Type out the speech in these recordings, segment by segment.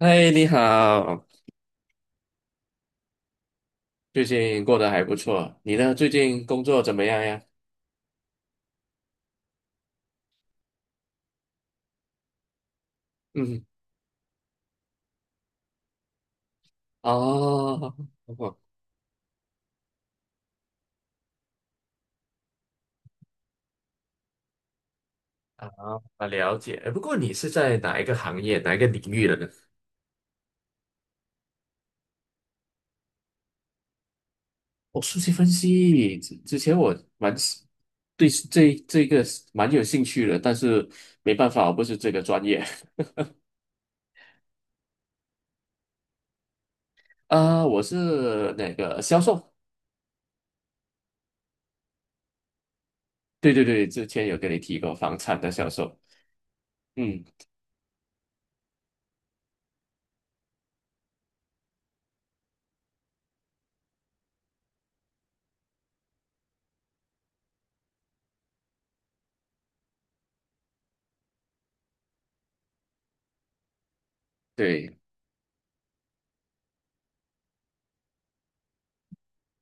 嗨，你好，最近过得还不错，你呢？最近工作怎么样呀？嗯，哦，我啊了解。不过你是在哪一个行业、哪一个领域的呢？哦，数据分析，之前我蛮喜对，这个是蛮有兴趣的，但是没办法，我不是这个专业。啊、我是那个销售，对对对，之前有跟你提过房产的销售。嗯，对。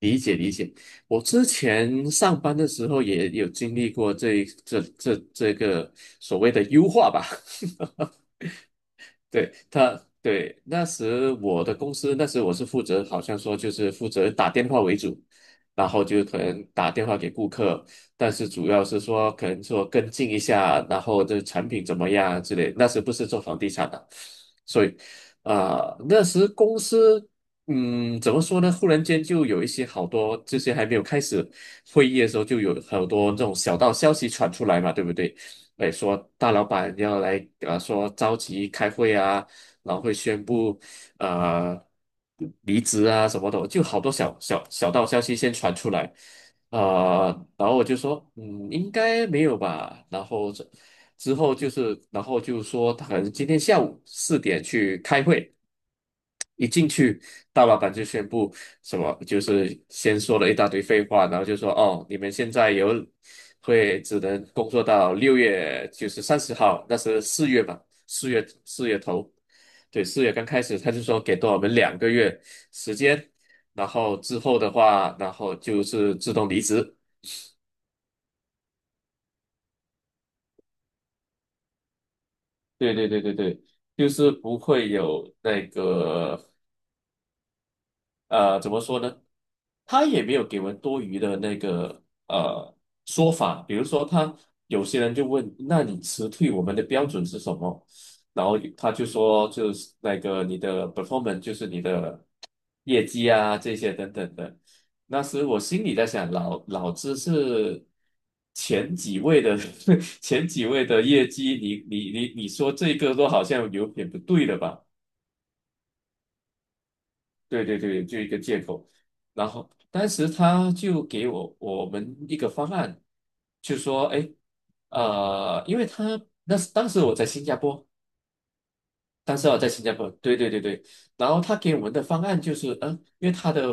理解理解，我之前上班的时候也有经历过这个所谓的优化吧，对他，对那时我的公司，那时我是负责，好像说就是负责打电话为主，然后就可能打电话给顾客，但是主要是说可能说跟进一下，然后这产品怎么样之类。那时不是做房地产的，所以啊、那时公司怎么说呢？忽然间就有一些好多这些还没有开始会议的时候，就有好多这种小道消息传出来嘛，对不对？哎，说大老板要来，说召集开会啊，然后会宣布，呃，离职啊什么的，就好多小道消息先传出来，啊，然后我就说，应该没有吧。然后这之后就是，然后就说他可能今天下午4点去开会。一进去，大老板就宣布什么，就是先说了一大堆废话，然后就说哦，你们现在有会只能工作到6月，就是30号，那是四月吧，四月头，对，4月刚开始，他就说给多我们2个月时间，然后之后的话，然后就是自动离职。对对对对对，就是不会有那个。怎么说呢？他也没有给我们多余的那个呃说法，比如说他有些人就问，那你辞退我们的标准是什么？然后他就说，就是那个你的 performance,就是你的业绩啊这些等等的。那时我心里在想，老子是前几位的 前几位的业绩，你说这个都好像有点不对了吧？对对对，就一个借口。然后当时他就给我们一个方案，就说，哎，因为他那时当时我在新加坡，当时我在新加坡，对对对对。然后他给我们的方案就是，因为他的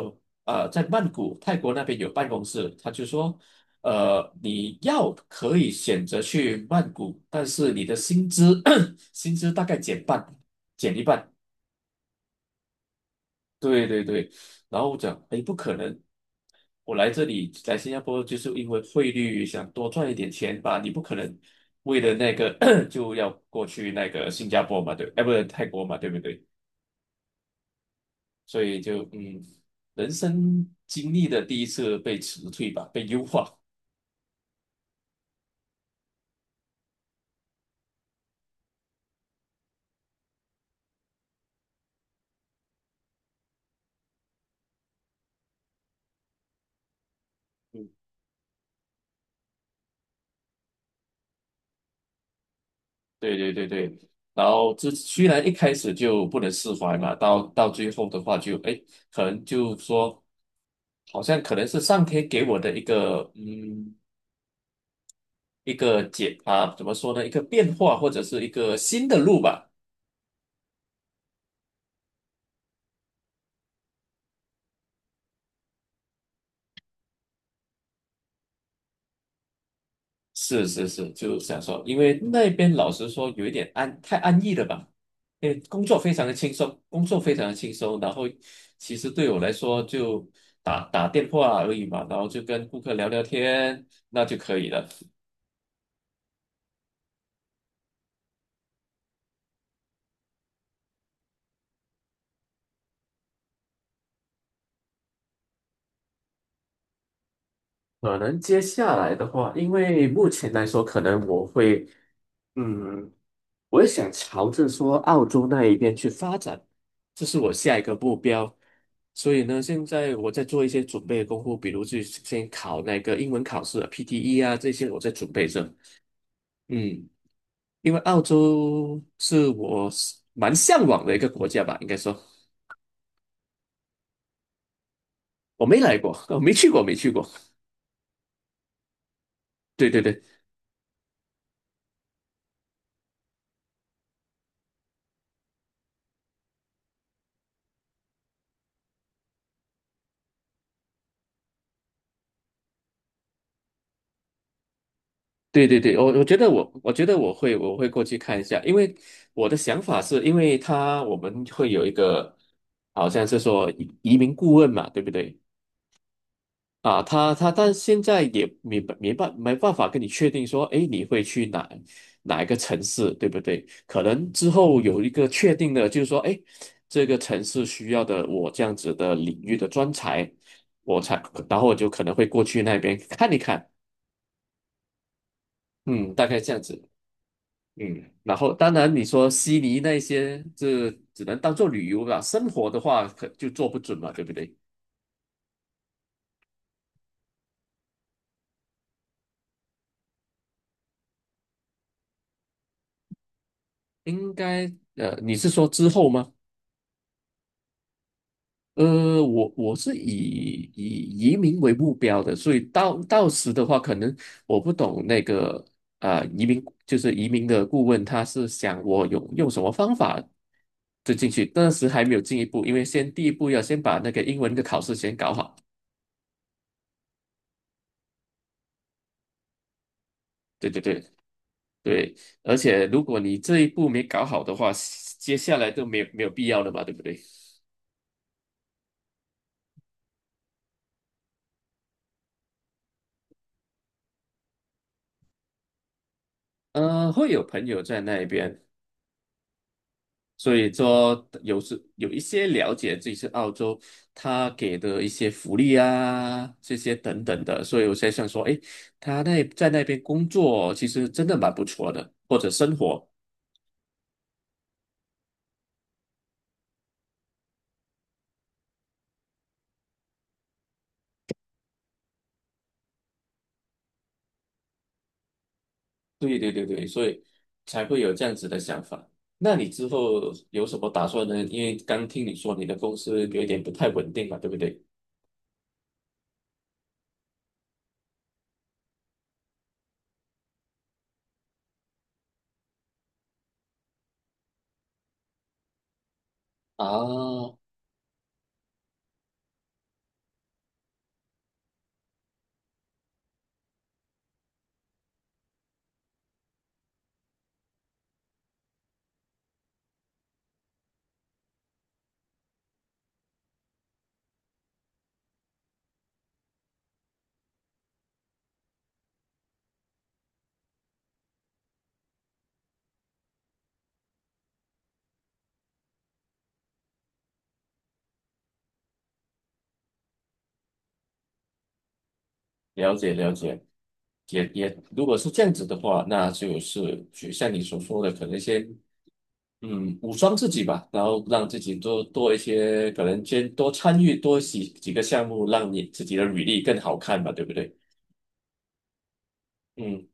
在曼谷泰国那边有办公室，他就说，你要可以选择去曼谷，但是你的薪资 薪资大概减半，减一半。对对对。然后我讲，哎，不可能，我来这里来新加坡就是因为汇率想多赚一点钱吧，你不可能为了那个 就要过去那个新加坡嘛，对，哎，不是泰国嘛，对不对？所以就人生经历的第一次被辞退吧，被优化 嗯，对对对对，然后这虽然一开始就不能释怀嘛，到最后的话就哎，诶可能就说，好像可能是上天给我的一个解啊，怎么说呢？一个变化或者是一个新的路吧。是是是，就想说，因为那边老实说有一点安，太安逸了吧？因为工作非常的轻松，工作非常的轻松，然后其实对我来说就打打电话而已嘛，然后就跟顾客聊聊天，那就可以了。可能接下来的话，因为目前来说，可能我会，嗯。我也想朝着说澳洲那一边去发展，这是我下一个目标。所以呢，现在我在做一些准备的功夫，比如去先考那个英文考试啊 PTE 啊，这些我在准备着。嗯，因为澳洲是我是蛮向往的一个国家吧，应该说我没来过，我没去过，没去过。对对对，对对对，我觉得我会过去看一下，因为我的想法是因为我们会有一个好像是说移民顾问嘛，对不对？啊，他但现在也没办法跟你确定说，哎，你会去哪一个城市，对不对？可能之后有一个确定的，就是说，哎，这个城市需要的我这样子的领域的专才，我才，然后我就可能会过去那边看一看，嗯，大概这样子。嗯，然后当然你说悉尼那些，这只能当做旅游啦，生活的话可就做不准嘛，对不对？应该你是说之后吗？我是以移民为目标的，所以到时的话，可能我不懂那个啊、移民就是移民的顾问，他是想我有用什么方法就进去，但是还没有进一步，因为先第一步要先把那个英文的考试先搞好。对对对，对，而且如果你这一步没搞好的话，接下来都没有必要了嘛，对不对？会有朋友在那边，所以说有时有一些了解这次澳洲他给的一些福利啊，这些等等的，所以我才想说，诶，他那在那边工作其实真的蛮不错的，或者生活。对对对对，所以才会有这样子的想法。那你之后有什么打算呢？因为刚听你说你的公司有一点不太稳定嘛，对不对？啊，了解了解，如果是这样子的话，那就像你所说的，可能先武装自己吧，然后让自己多多一些，可能先多参与多几个项目，让你自己的履历更好看吧，对不对？嗯，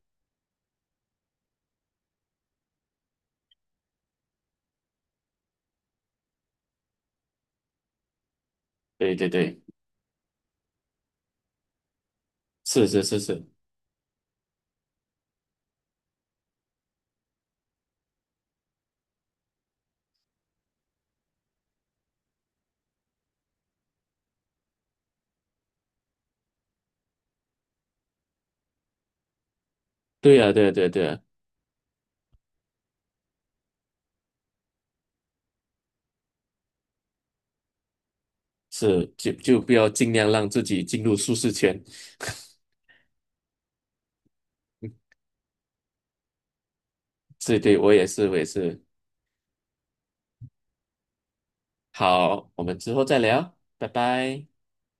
对对对，是是是是，对呀、啊、对呀、啊、对呀、啊、对呀、啊，是就不要尽量让自己进入舒适圈。是对，我也是我也是。好，我们之后再聊，拜拜。